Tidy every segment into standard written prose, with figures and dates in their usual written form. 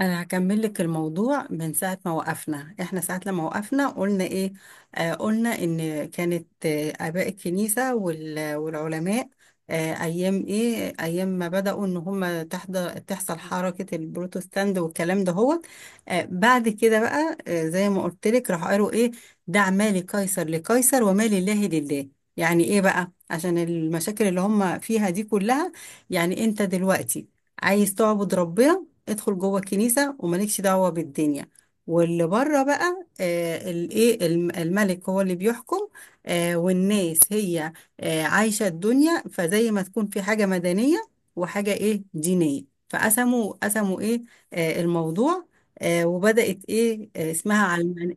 انا هكمل لك الموضوع من ساعه ما وقفنا احنا، ساعه لما وقفنا قلنا ايه. قلنا ان كانت اباء الكنيسه والعلماء ايام، ايام ما بداوا ان هم تحصل حركه البروتستانت والكلام ده هو. بعد كده بقى، زي ما قلت لك، راح قالوا ايه: دع ما لقيصر لقيصر وما لله لله. يعني ايه بقى؟ عشان المشاكل اللي هم فيها دي كلها، يعني انت دلوقتي عايز تعبد ربنا، ادخل جوه الكنيسة ومالكش دعوة بالدنيا. واللي بره بقى، الايه، الملك هو اللي بيحكم، والناس هي عايشة الدنيا. فزي ما تكون في حاجة مدنية وحاجة ايه دينية. فقسموا ايه الموضوع، وبدأت ايه، اسمها على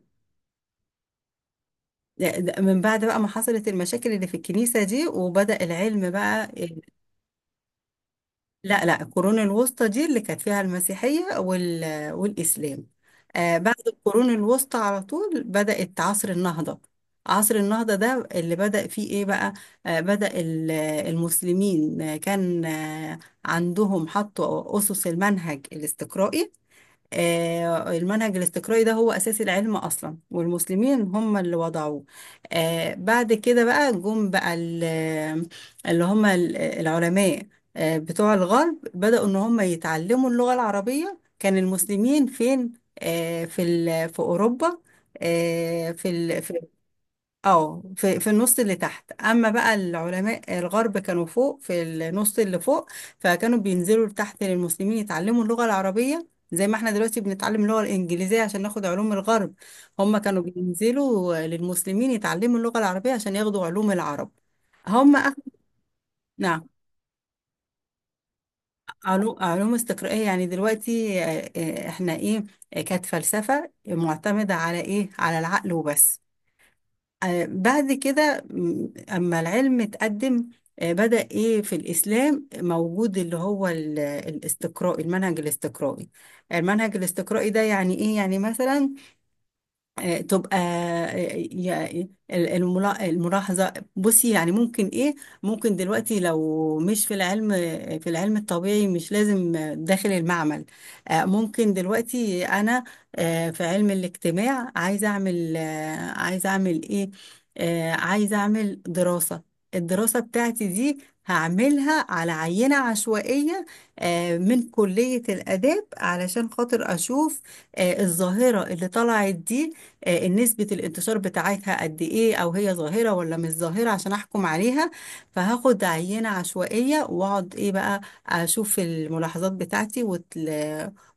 ده من بعد بقى ما حصلت المشاكل اللي في الكنيسة دي وبدأ العلم بقى. لا لا، القرون الوسطى دي اللي كانت فيها المسيحية والإسلام. بعد القرون الوسطى على طول بدأت عصر النهضة. عصر النهضة ده اللي بدأ فيه إيه بقى؟ آه بدأ ال- المسلمين، آه، كان آه عندهم، حطوا أسس المنهج الاستقرائي. المنهج الاستقرائي ده هو أساس العلم أصلا، والمسلمين هم اللي وضعوه. بعد كده بقى جم بقى العلماء، بتوع الغرب، بدأوا إن هم يتعلموا اللغة العربية. كان المسلمين فين؟ في أوروبا، آه، في ال- في اه في في النص اللي تحت، اما بقى العلماء الغرب كانوا فوق في النص اللي فوق. فكانوا بينزلوا لتحت للمسلمين يتعلموا اللغة العربية، زي ما احنا دلوقتي بنتعلم اللغة الإنجليزية عشان ناخد علوم الغرب، هم كانوا بينزلوا للمسلمين يتعلموا اللغة العربية عشان ياخدوا علوم العرب. هم أخ... نعم. علوم استقرائية، يعني دلوقتي احنا ايه، كانت فلسفة معتمدة على ايه؟ على العقل وبس. بعد كده، أما العلم اتقدم، بدأ إيه في الإسلام موجود، اللي هو الاستقراء، المنهج الاستقرائي. المنهج الاستقرائي ده يعني إيه؟ يعني مثلا آه، تبقى آه، يا- ال- الملا- الملاحظة. بصي، يعني ممكن ايه، ممكن دلوقتي لو مش في العلم، في العلم الطبيعي، مش لازم داخل المعمل، ممكن دلوقتي انا، في علم الاجتماع، عايزة اعمل آه، عايزة اعمل ايه آه، عايزة اعمل دراسة. الدراسة بتاعتي دي هعملها على عينة عشوائية من كلية الآداب علشان خاطر أشوف الظاهرة اللي طلعت دي، نسبة الانتشار بتاعتها قد ايه، او هي ظاهرة ولا مش ظاهرة، عشان احكم عليها. فهاخد عينة عشوائية، واقعد ايه بقى، اشوف الملاحظات بتاعتي وتل...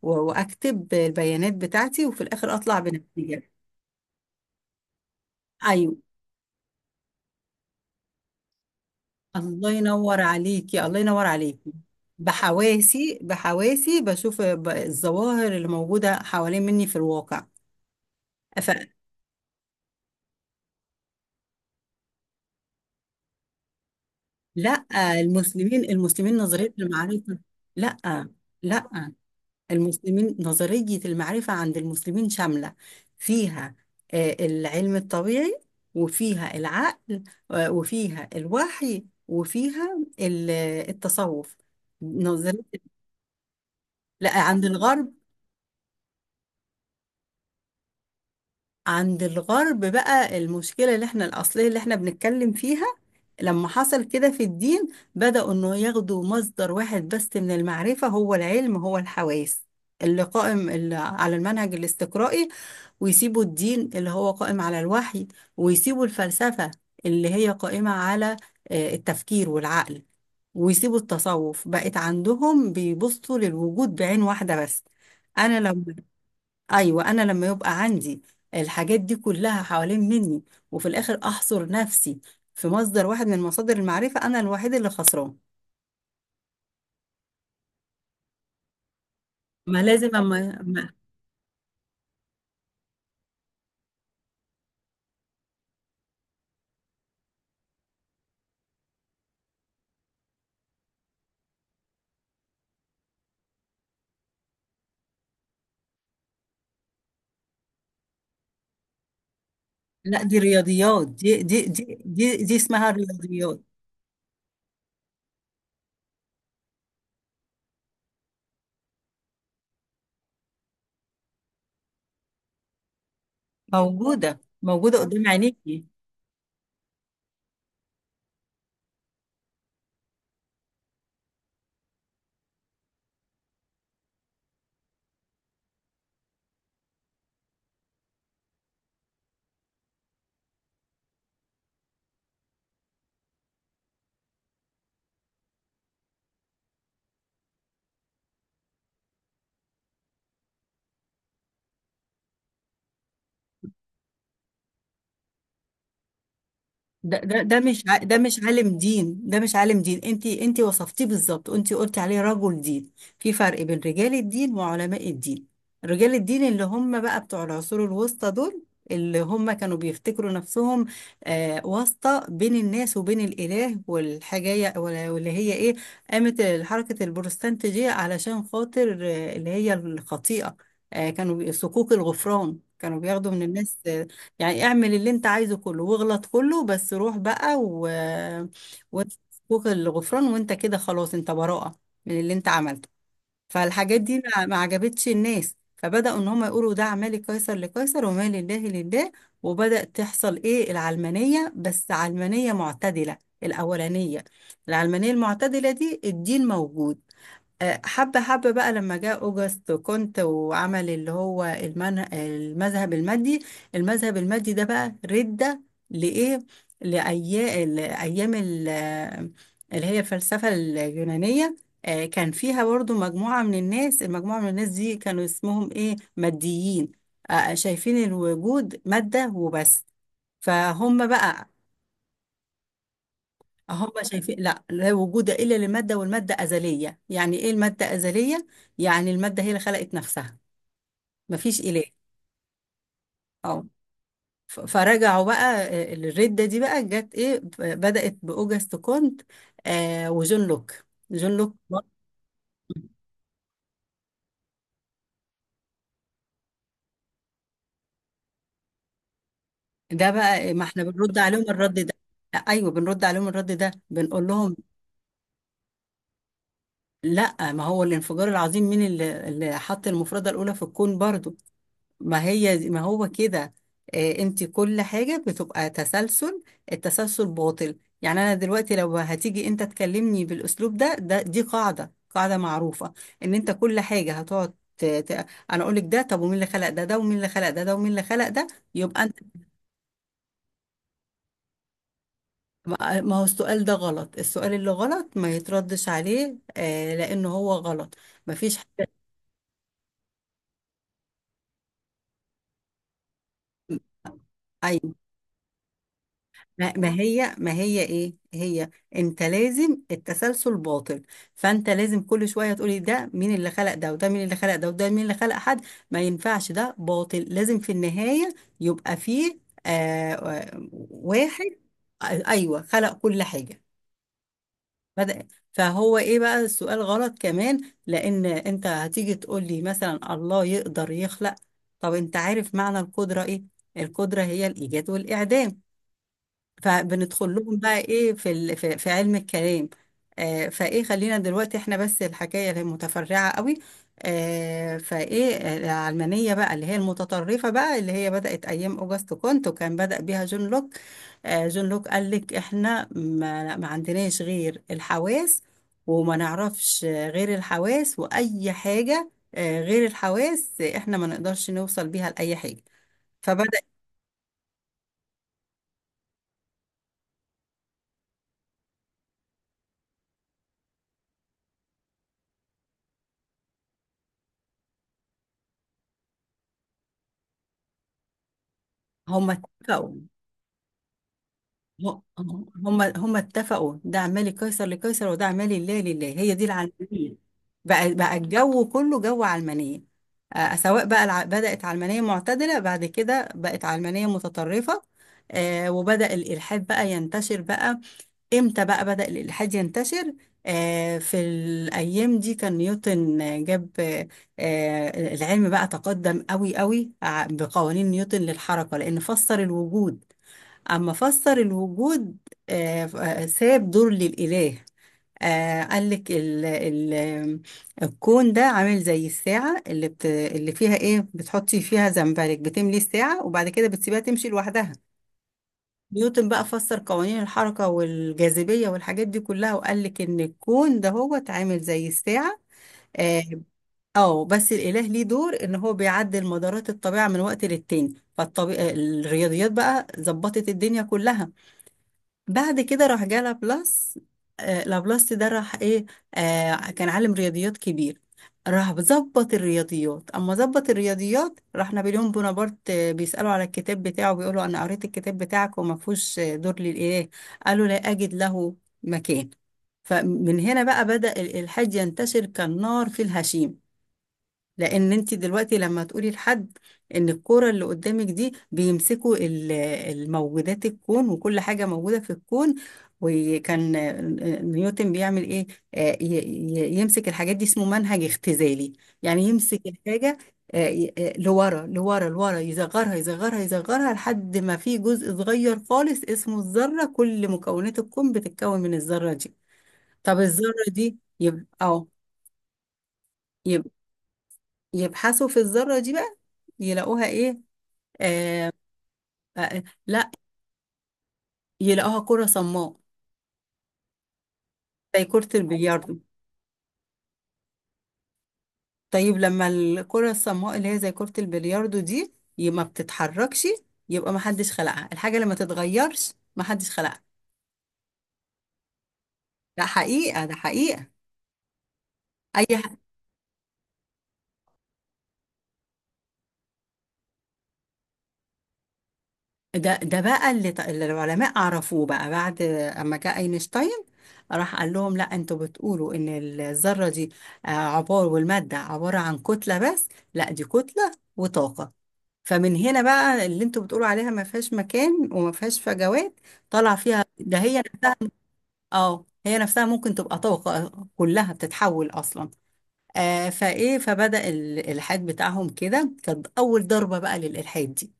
و- واكتب البيانات بتاعتي، وفي الاخر اطلع بنتيجة. ايوه. الله ينور عليكي، الله ينور عليكي. بحواسي بحواسي بشوف الظواهر اللي موجودة حوالين مني في الواقع. فلا. المسلمين نظرية المعرفة. لا لا، المسلمين، نظرية المعرفة عند المسلمين شاملة. فيها العلم الطبيعي، وفيها العقل، وفيها الوحي، وفيها التصوف. نظرية. لا، عند الغرب. عند الغرب بقى المشكلة اللي احنا الأصلية اللي احنا بنتكلم فيها، لما حصل كده في الدين، بدأوا انه ياخدوا مصدر واحد بس من المعرفة، هو العلم، هو الحواس اللي قائم على المنهج الاستقرائي، ويسيبوا الدين اللي هو قائم على الوحي، ويسيبوا الفلسفة اللي هي قائمة على التفكير والعقل، ويسيبوا التصوف. بقت عندهم بيبصوا للوجود بعين واحدة بس. أنا لما ايوه، انا لما يبقى عندي الحاجات دي كلها حوالين مني، وفي الاخر احصر نفسي في مصدر واحد من مصادر المعرفه، انا الوحيد اللي خسران. ما لازم أما ما لا، دي رياضيات، دي اسمها رياضيات. موجوده موجوده قدام عينيكي. ده مش ع- ده مش عالم دين، ده مش عالم دين، انت وصفتيه بالظبط، انت قلتي عليه رجل دين. في فرق بين رجال الدين وعلماء الدين. رجال الدين اللي هم بقى بتوع العصور الوسطى دول، اللي هم كانوا بيفتكروا نفسهم واسطة بين الناس وبين الإله، واللي هي ايه، قامت حركة البروتستانتية علشان خاطر اللي هي الخطيئة. صكوك الغفران كانوا بياخدوا من الناس، يعني اعمل اللي انت عايزه كله واغلط كله، بس روح بقى و وفوق الغفران، وانت كده خلاص انت براءة من اللي انت عملته. فالحاجات دي ما عجبتش الناس، فبدأوا ان هم يقولوا ده: اعمال قيصر لقيصر وما لله لله. وبدأ تحصل ايه، العلمانية، بس علمانية معتدلة الأولانية. العلمانية المعتدلة دي، الدين موجود، حبة حبة. بقى لما جاء أوجست كنت وعمل اللي هو المذهب المادي. المذهب المادي ده بقى ردة لإيه؟ لأيام، الأيام ال- آه، اللي هي الفلسفة اليونانية، كان فيها برضو مجموعة من الناس. المجموعة من الناس دي كانوا اسمهم إيه، ماديين، شايفين الوجود مادة وبس. فهم بقى، هم شايفين لا لا وجود الا لماده، والماده ازليه. يعني ايه الماده ازليه؟ يعني الماده هي اللي خلقت نفسها، مفيش اله. اه. فرجعوا بقى، الرده دي بقى جت ايه، بدات باوجست كونت وجون لوك. جون لوك ده بقى، ما احنا بنرد عليهم الرد ده. ايوه، بنرد عليهم الرد ده، بنقول لهم: لا، ما هو الانفجار العظيم مين اللي حط المفرده الاولى في الكون برضو؟ ما هو كده، انت كل حاجة بتبقى تسلسل، التسلسل باطل. يعني انا دلوقتي لو هتيجي انت تكلمني بالاسلوب ده، دي قاعدة، قاعدة معروفة، ان انت كل حاجة هتقعد انا اقول لك ده طب ومين اللي خلق ده، ده ومين اللي خلق ده، ده ومين اللي خلق ده، يبقى انت. ما هو السؤال ده غلط، السؤال اللي غلط ما يتردش عليه، لانه هو غلط، ما فيش حاجة. أيوة. ما ما هي ما هي ايه هي انت لازم، التسلسل باطل، فانت لازم كل شويه تقولي: ده مين اللي خلق ده، وده مين اللي خلق ده، وده مين اللي خلق حد. ما ينفعش، ده باطل، لازم في النهايه يبقى فيه واحد، ايوه، خلق كل حاجه. بدأ، فهو ايه بقى، السؤال غلط كمان، لان انت هتيجي تقولي مثلا: الله يقدر يخلق. طب انت عارف معنى القدره ايه؟ القدره هي الايجاد والاعدام. فبندخل لهم بقى ايه، في علم الكلام. آه فايه خلينا دلوقتي احنا بس، الحكايه اللي هي متفرعه قوي. آه فايه آه، العلمانيه بقى اللي هي المتطرفه بقى، اللي هي بدات ايام اوجست كونت، وكان بدا بيها جون لوك. جون لوك قال لك: احنا ما عندناش غير الحواس، وما نعرفش غير الحواس، واي حاجه غير الحواس احنا ما نقدرش نوصل بيها لاي حاجه. فبدا. هم اتفقوا، هم اتفقوا، ده اعمالي قيصر لقيصر، وده اعمالي لله لله. هي دي العلمانية بقى، الجو كله جو علمانية. سواء بقى بدأت علمانية معتدلة، بعد كده بقت علمانية متطرفة، وبدأ الإلحاد بقى ينتشر بقى. امتى بقى بدأ الإلحاد ينتشر؟ في الأيام دي كان نيوتن، آه، جاب آه آه، العلم بقى تقدم قوي قوي بقوانين نيوتن للحركة، لأن فسر الوجود. أما فسر الوجود، ساب دور للإله، قال لك: ال ال الكون ده عامل زي الساعة اللي فيها إيه، بتحطي فيها زنبرك، بتملي الساعة وبعد كده بتسيبها تمشي لوحدها. نيوتن بقى فسر قوانين الحركة والجاذبية والحاجات دي كلها، وقال لك إن الكون ده هو اتعامل زي الساعة. اه. بس الإله ليه دور، إن هو بيعدل مدارات الطبيعة من وقت للتاني، فالطبيعة، الرياضيات بقى ظبطت الدنيا كلها. بعد كده راح جه لابلاس، لابلاس ده راح ايه، كان عالم رياضيات كبير، راح ظبط الرياضيات. اما ظبط الرياضيات، راح نابليون بونابرت بيسألوا على الكتاب بتاعه، بيقولوا: انا قريت الكتاب بتاعك وما فيهوش دور للاله. قالوا: لا اجد له مكان. فمن هنا بقى بدأ الإلحاد ينتشر كالنار في الهشيم. لان انت دلوقتي لما تقولي لحد ان الكوره اللي قدامك دي بيمسكوا الموجودات، الكون وكل حاجه موجوده في الكون، وكان نيوتن بيعمل ايه، يمسك الحاجات دي، اسمه منهج اختزالي، يعني يمسك الحاجه لورا لورا لورا، يصغرها يصغرها يصغرها، لحد ما في جزء صغير خالص اسمه الذره. كل مكونات الكون بتتكون من الذره دي، طب الذره دي يبقى اه، يبقى يبحثوا في الذرة دي بقى يلاقوها ايه؟ آه لا، يلاقوها كرة صماء، زي كرة البلياردو. طيب لما الكرة الصماء اللي هي زي كرة البلياردو دي ما بتتحركش، يبقى ما حدش خلقها، الحاجة اللي ما تتغيرش ما حدش خلقها. ده حقيقة، ده حقيقة. اي ح... ده بقى اللي العلماء عرفوه بقى، بعد اما جاء اينشتاين، راح قال لهم: لا، انتوا بتقولوا ان الذرة دي والمادة عبارة عن كتلة بس، لا، دي كتلة وطاقة. فمن هنا بقى، اللي انتوا بتقولوا عليها ما فيهاش مكان وما فيهاش فجوات، طالع فيها ده، هي اه، هي نفسها ممكن تبقى طاقة، كلها بتتحول اصلا. آه فايه فبدأ الالحاد بتاعهم كده، كانت اول ضربة بقى للالحاد دي.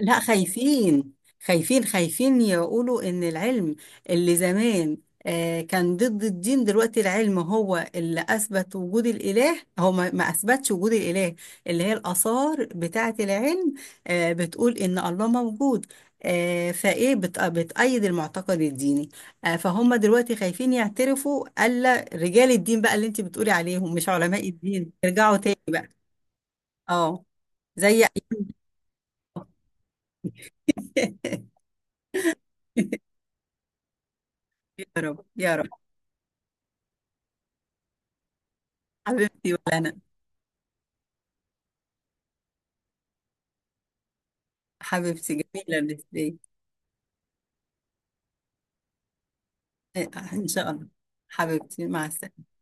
لا، خايفين، خايفين خايفين يقولوا ان العلم اللي زمان كان ضد الدين، دلوقتي العلم هو اللي اثبت وجود الاله، هو ما اثبتش وجود الاله، اللي هي الاثار بتاعه العلم بتقول ان الله موجود، بتأيد المعتقد الديني، فهم دلوقتي خايفين يعترفوا، الا رجال الدين بقى، اللي انت بتقولي عليهم مش علماء الدين، ارجعوا تاني بقى. اه. زي أيام- يا رب، يا رب. حبيبتي. حبيبتي، جميلة الرسالة. إيه، إن شاء الله. حبيبتي، مع السلامة. الله.